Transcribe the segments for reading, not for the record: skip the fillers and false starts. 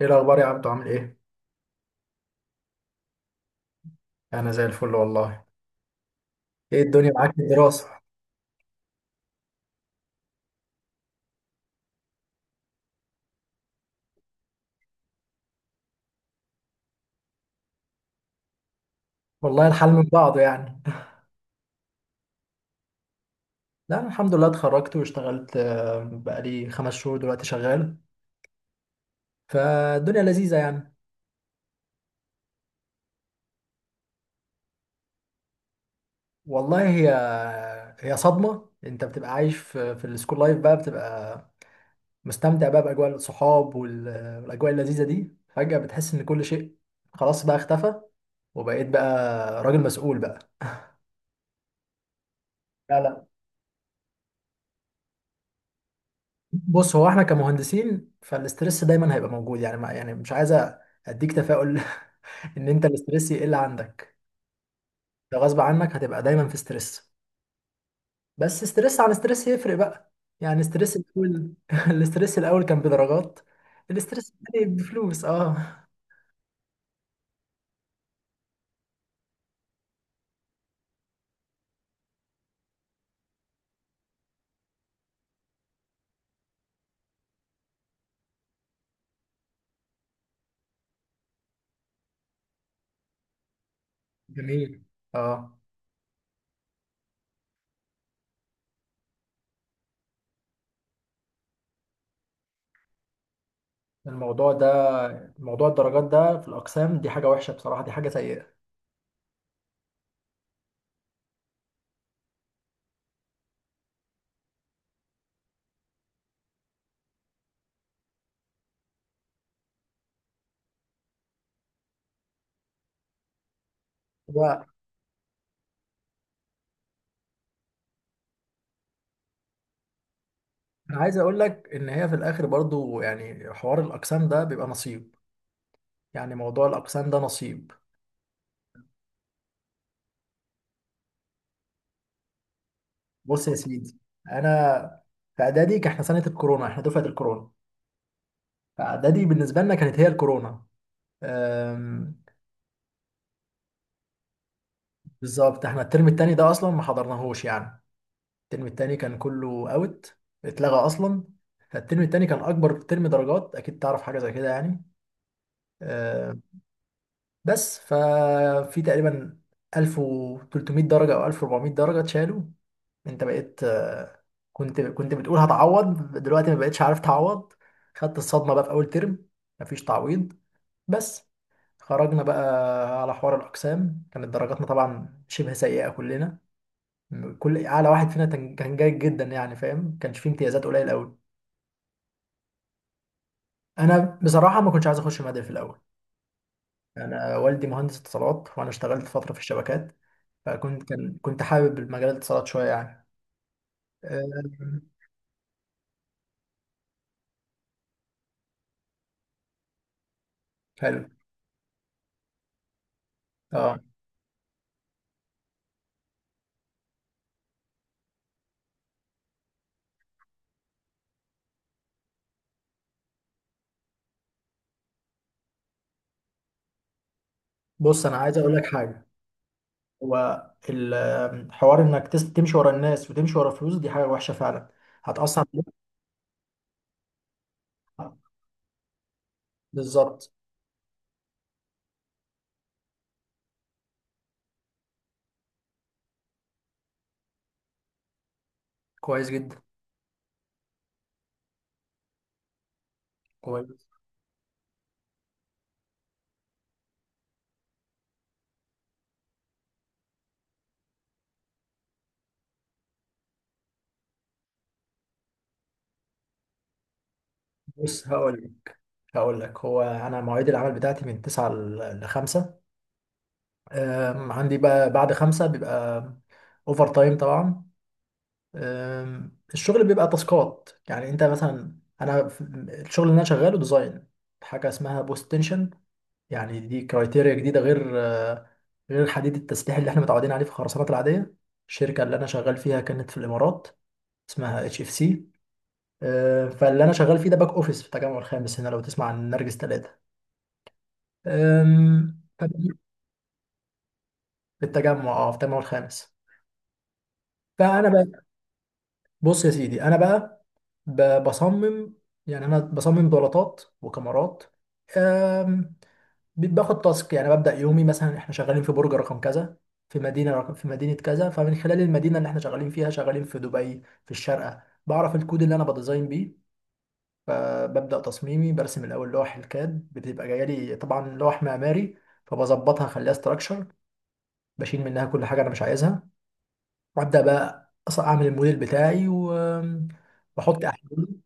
ايه الاخبار يا عبدو؟ عامل ايه؟ انا زي الفل والله. ايه الدنيا معاك في الدراسه؟ والله الحال من بعضه يعني. لا، أنا الحمد لله اتخرجت واشتغلت، بقالي خمس شهور دلوقتي شغال. فالدنيا لذيذه يعني. والله، هي صدمه. انت بتبقى عايش في السكول لايف بقى، بتبقى مستمتع بقى باجواء الصحاب والاجواء اللذيذه دي. فجاه بتحس ان كل شيء خلاص بقى اختفى، وبقيت بقى راجل مسؤول بقى. لا، لا. بص، هو احنا كمهندسين فالاسترس دايما هيبقى موجود يعني، ما يعني مش عايز اديك تفاؤل ان انت الاسترس يقل عندك. ده غصب عنك، هتبقى دايما في ستريس. بس ستريس عن ستريس يفرق بقى. يعني ستريس الاول الاسترس الاول كان بدرجات. الاسترس الثاني بفلوس، اه. جميل، اه. الموضوع ده، موضوع الدرجات ده في الاقسام دي حاجه وحشه بصراحه، دي حاجه سيئه. وانا عايز اقول لك ان هي في الاخر برضو يعني حوار الاقسام ده بيبقى نصيب. يعني موضوع الاقسام ده نصيب. بص يا سيدي، انا في اعدادي كان احنا سنه الكورونا، احنا دفعه الكورونا. فاعدادي بالنسبه لنا كانت هي الكورونا. أم، بالظبط، احنا الترم التاني ده اصلا ما حضرناهوش يعني. الترم التاني كان كله اوت، اتلغى اصلا. فالترم التاني كان اكبر ترم درجات، اكيد تعرف حاجه زي كده يعني. بس ففي تقريبا 1300 درجة أو 1400 درجة اتشالوا. أنت بقيت، كنت بتقول هتعوض، دلوقتي ما بقتش عارف تعوض. خدت الصدمة بقى في أول ترم، مفيش تعويض. بس خرجنا بقى على حوار الأقسام، كانت درجاتنا طبعا شبه سيئة كلنا. كل أعلى واحد فينا كان جيد جدا يعني، فاهم، كانش فيه امتيازات، قليل أوي. أنا بصراحة ما كنتش عايز أخش مدني في الأول. أنا والدي مهندس اتصالات، وأنا اشتغلت فترة في الشبكات. فكنت كان كنت حابب المجال الاتصالات شويه يعني. آه، حلو، اه. بص انا عايز اقول لك حاجه، هو الحوار انك تمشي ورا الناس وتمشي ورا فلوس دي حاجه وحشه فعلا، هتاثر عليك. بالظبط. كويس جدا. كويس. بص هقول لك، هو انا مواعيد العمل بتاعتي من 9 ل 5. عندي بقى بعد 5 بيبقى اوفر تايم طبعا. الشغل بيبقى تاسكات، يعني انت مثلا الشغل اللي انا شغاله ديزاين، حاجه اسمها بوست تنشن. يعني دي كرايتيريا جديده غير، غير حديد التسليح اللي احنا متعودين عليه في الخرسانات العاديه. الشركه اللي انا شغال فيها كانت في الامارات، اسمها اتش اف سي. فاللي انا شغال فيه ده باك اوفيس في التجمع الخامس هنا، لو تسمع عن نرجس ثلاثة. في التجمع، اه، في التجمع الخامس. فانا، بص يا سيدي، انا بقى بصمم، يعني انا بصمم بلاطات وكاميرات. آم، باخد تاسك، يعني ببدأ يومي مثلا احنا شغالين في برج رقم كذا، في مدينة كذا. فمن خلال المدينة اللي احنا شغالين فيها، شغالين في دبي في الشارقة، بعرف الكود اللي انا بديزاين بيه. فببدأ تصميمي برسم الاول لوح الكاد، بتبقى جايه لي طبعا لوح معماري، فبظبطها اخليها استراكشر. بشيل منها كل حاجة انا مش عايزها، وابدأ بقى اعمل الموديل بتاعي واحط احلام.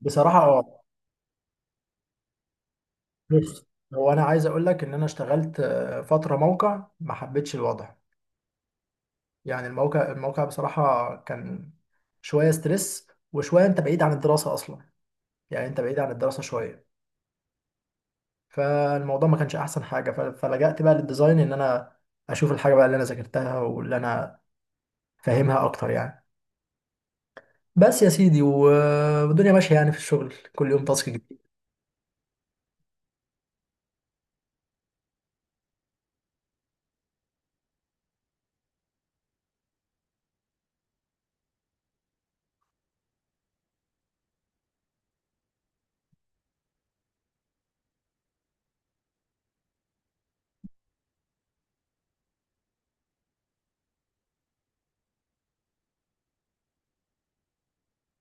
بصراحة اه. بص، هو أنا عايز أقول لك إن أنا اشتغلت، فترة موقع، ما حبيتش الوضع. يعني الموقع، بصراحة كان شوية ستريس، وشوية أنت بعيد عن الدراسة أصلا. يعني أنت بعيد عن الدراسة شوية، فالموضوع ما كانش أحسن حاجة. فلجأت بقى للديزاين إن أنا أشوف الحاجة بقى اللي أنا ذاكرتها واللي أنا فاهمها أكتر يعني. بس يا سيدي، والدنيا ماشية يعني، في الشغل كل يوم تاسك جديد.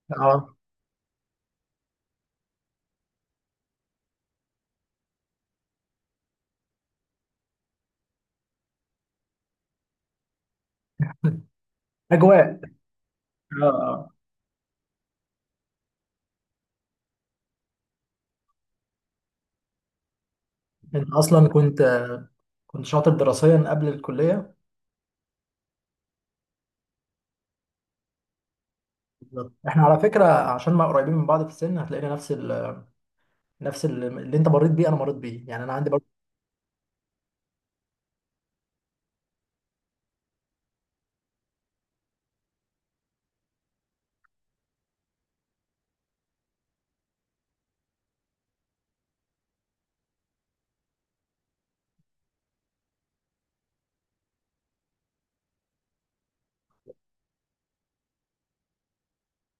اه. أجواء، اه، آه. أنت أصلا كنت، شاطر دراسيا قبل الكلية. بالظبط، احنا على فكرة، عشان ما قريبين من بعض في السن، هتلاقينا نفس اللي انت مريت بيه انا مريت بيه يعني، انا عندي برضه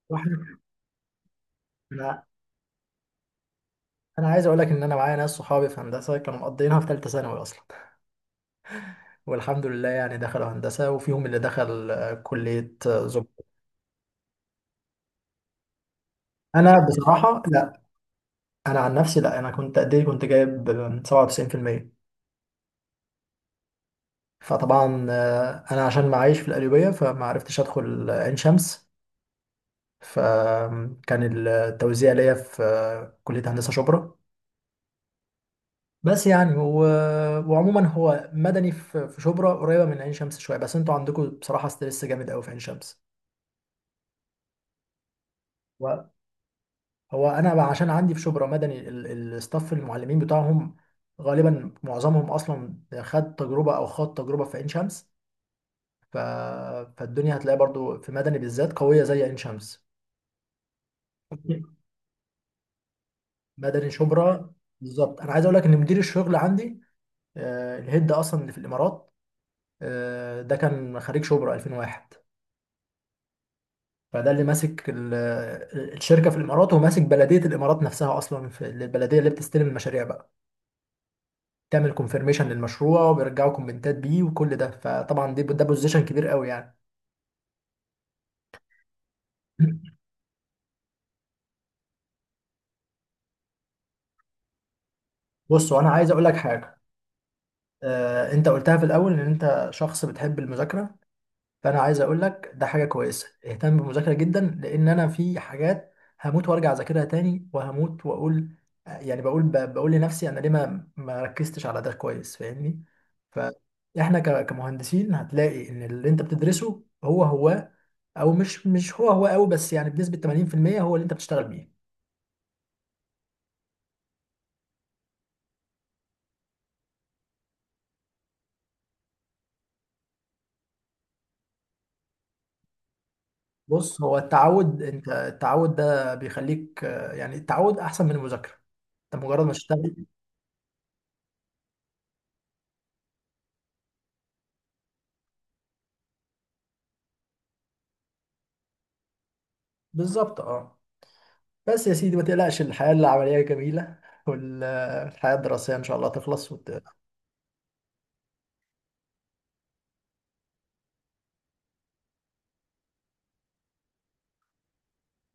واحد. انا انا عايز اقول لك ان انا معايا ناس صحابي في هندسة كانوا مقضيينها في ثالثة ثانوي اصلا، والحمد لله يعني دخلوا هندسة، وفيهم اللي دخل كلية زب. انا بصراحة لا، انا عن نفسي لا. انا كنت قد ايه؟ كنت جايب 97%. فطبعا، انا عشان معايش في القليوبية فما عرفتش ادخل عين شمس، فكان التوزيع ليا في كلية هندسة شبرا. بس يعني، وعموما، هو مدني في شبرا قريبة من عين شمس شوية، بس انتوا عندكم بصراحة ستريس جامد قوي في عين شمس. هو، انا بقى عشان عندي في شبرا مدني، الستاف المعلمين بتاعهم غالبا معظمهم اصلا خد تجربة او خد تجربة في عين شمس. ف... فالدنيا هتلاقي برضو في مدني بالذات قوية زي عين شمس. مدني شبرا. بالظبط، انا عايز اقول لك ان مدير الشغل عندي، الهيد اصلا اللي في الامارات، ده كان خريج شبرا 2001. فده اللي ماسك الشركه في الامارات، وماسك بلديه الامارات نفسها. اصلا في البلديه اللي بتستلم المشاريع بقى، تعمل كونفيرميشن للمشروع، وبيرجعوا كومنتات بيه، وكل ده. فطبعا ده بوزيشن كبير قوي يعني. بص، وانا عايز اقول لك حاجه. انت قلتها في الاول ان انت شخص بتحب المذاكره. فانا عايز اقول لك، ده حاجه كويسه، اهتم بالمذاكره جدا، لان انا في حاجات هموت وارجع اذاكرها تاني، وهموت واقول. يعني بقول، بقول لنفسي، انا ليه ما ركزتش على ده كويس فاهمني؟ فاحنا كمهندسين هتلاقي ان اللي انت بتدرسه هو هو، او مش هو هو قوي، بس يعني بنسبه 80% هو اللي انت بتشتغل بيه. بص، هو التعود، انت التعود ده بيخليك، يعني التعود احسن من المذاكره. انت مجرد ما تشتغل. بالظبط، اه. بس يا سيدي ما تقلقش، الحياة العملية جميلة، والحياة الدراسية إن شاء الله تخلص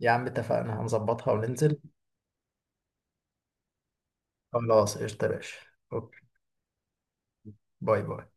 يا عم اتفقنا هنظبطها وننزل. خلاص قشطة يا باشا. أوكي. باي باي.